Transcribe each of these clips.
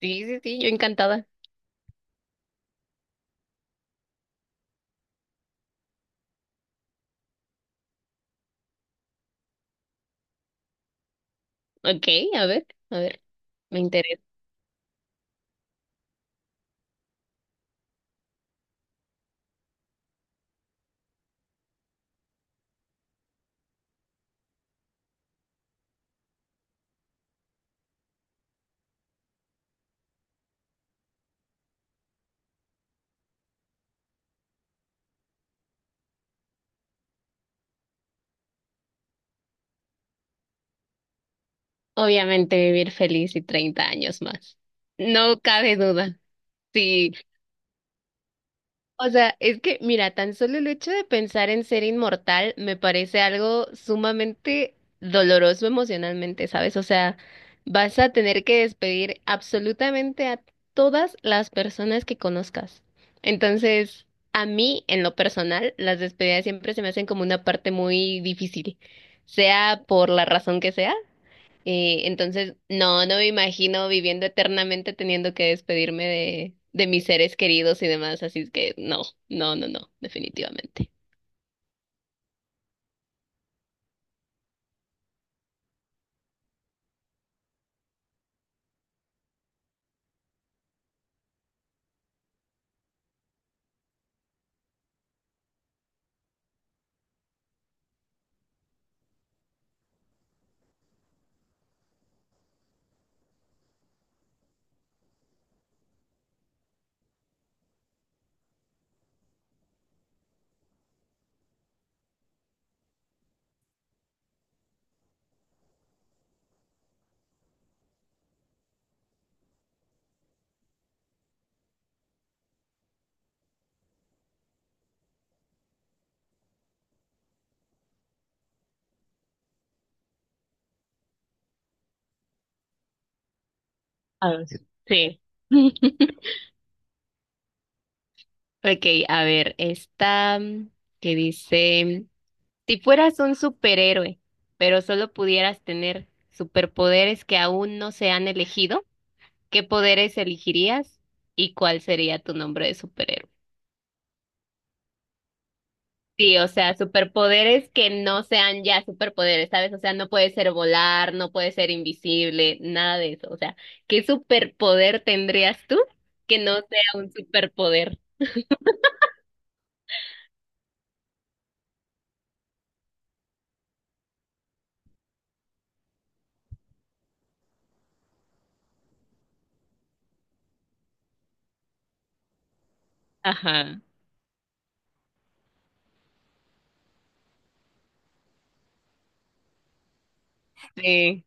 Sí, sí, sí, yo encantada. Ok, a ver, me interesa. Obviamente vivir feliz y 30 años más. No cabe duda. Sí. O sea, mira, tan solo el hecho de pensar en ser inmortal me parece algo sumamente doloroso emocionalmente, ¿sabes? O sea, vas a tener que despedir absolutamente a todas las personas que conozcas. Entonces, a mí, en lo personal, las despedidas siempre se me hacen como una parte muy difícil, sea por la razón que sea. Entonces, no me imagino viviendo eternamente teniendo que despedirme de mis seres queridos y demás, así es que no, no, no, no, definitivamente. A ver. Sí. Ok, a ver, esta mm, que dice, si fueras un superhéroe, pero solo pudieras tener superpoderes que aún no se han elegido, ¿qué poderes elegirías y cuál sería tu nombre de superhéroe? Sí, o sea, superpoderes que no sean ya superpoderes, ¿sabes? O sea, no puede ser volar, no puede ser invisible, nada de eso. O sea, ¿qué superpoder tendrías tú que no sea un superpoder? Ajá, sí,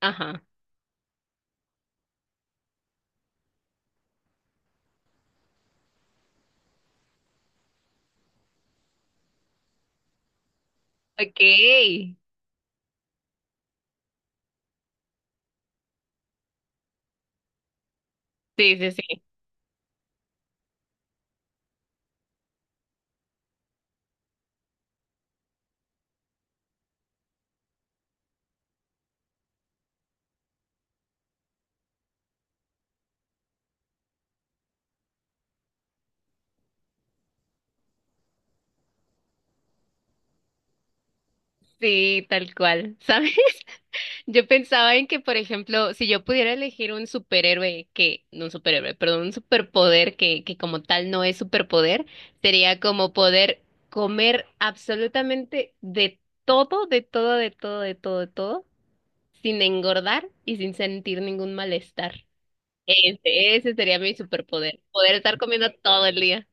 ajá. Ok. Sí, sí, sí. Sí, tal cual, ¿sabes? Yo pensaba en que, por ejemplo, si yo pudiera elegir un superhéroe que, no un superhéroe, perdón, un superpoder que como tal no es superpoder, sería como poder comer absolutamente de todo, de todo, de todo, de todo, de todo, sin engordar y sin sentir ningún malestar. Ese, ese sería mi superpoder, poder estar comiendo todo el día.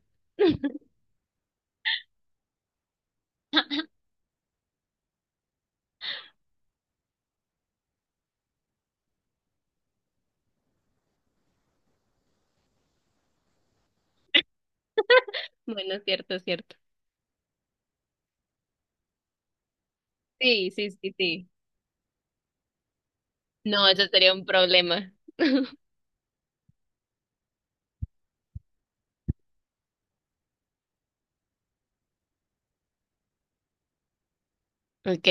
Bueno, cierto, cierto. Sí, sí, sí, sí. No, eso sería un problema. Ok.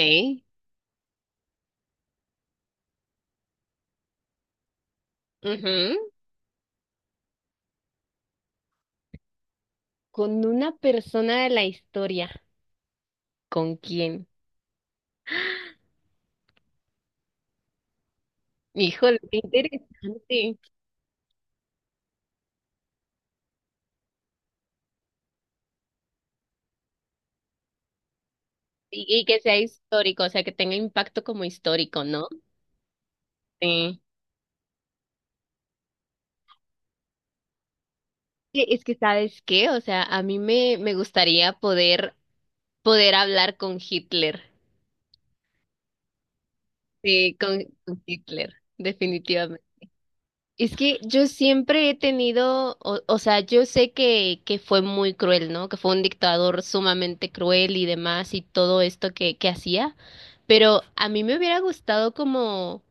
Ujú. Con una persona de la historia. ¿Con quién? Híjole, qué interesante. Y, y que sea histórico, o sea, que tenga impacto como histórico, ¿no? Sí. Sí, es que, ¿sabes qué? O sea, a mí me gustaría poder hablar con Hitler. Sí, con Hitler, definitivamente. Es que yo siempre he tenido, o sea, yo sé que fue muy cruel, ¿no? Que fue un dictador sumamente cruel y demás y todo esto que hacía, pero a mí me hubiera gustado como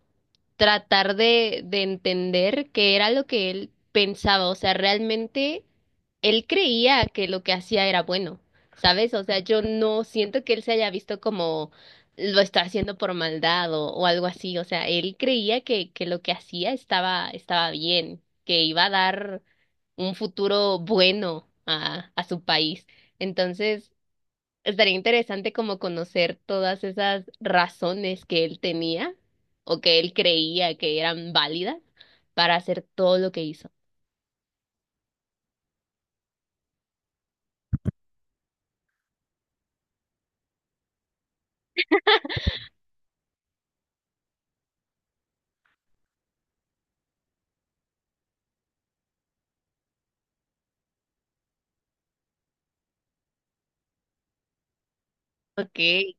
tratar de entender qué era lo que él pensaba. O sea, realmente él creía que lo que hacía era bueno, ¿sabes? O sea, yo no siento que él se haya visto como lo está haciendo por maldad o algo así. O sea, él creía que lo que hacía estaba, estaba bien, que iba a dar un futuro bueno a su país. Entonces, estaría interesante como conocer todas esas razones que él tenía o que él creía que eran válidas para hacer todo lo que hizo. Ok, sí,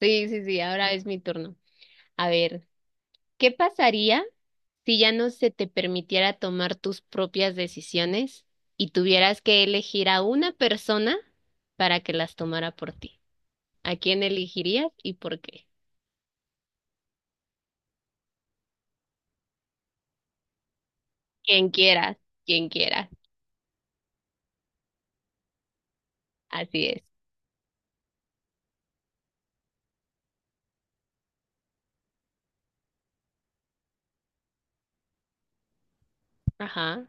sí, sí, ahora es mi turno. A ver, ¿qué pasaría si ya no se te permitiera tomar tus propias decisiones y tuvieras que elegir a una persona para que las tomara por ti? ¿A quién elegirías y por qué? Quien quieras, quien quieras. Así es. Ajá.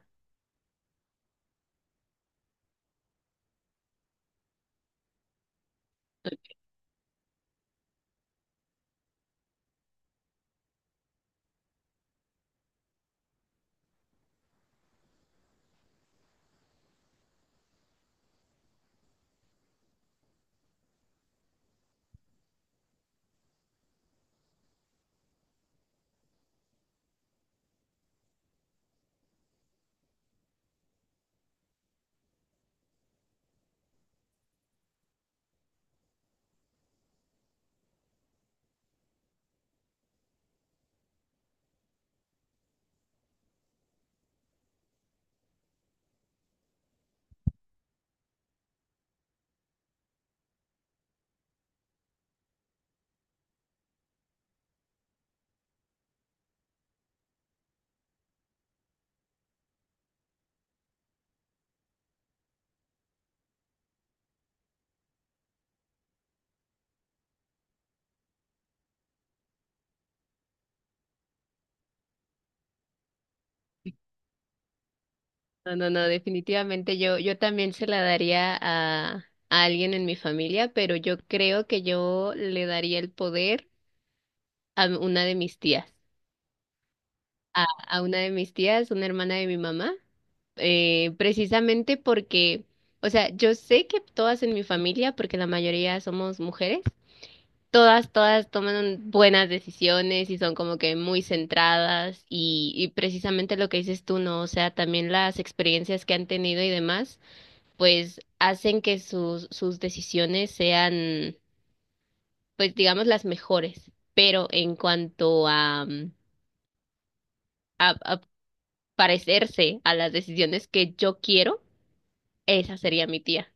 No, no, no, definitivamente yo, yo también se la daría a alguien en mi familia, pero yo creo que yo le daría el poder a una de mis tías, a una de mis tías, una hermana de mi mamá, precisamente porque, o sea, yo sé que todas en mi familia, porque la mayoría somos mujeres, todas, todas toman buenas decisiones y son como que muy centradas y precisamente lo que dices tú, ¿no? O sea, también las experiencias que han tenido y demás pues hacen que sus, sus decisiones sean, pues digamos, las mejores. Pero en cuanto a, mm, a parecerse a las decisiones que yo quiero, esa sería mi tía.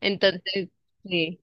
Entonces, sí.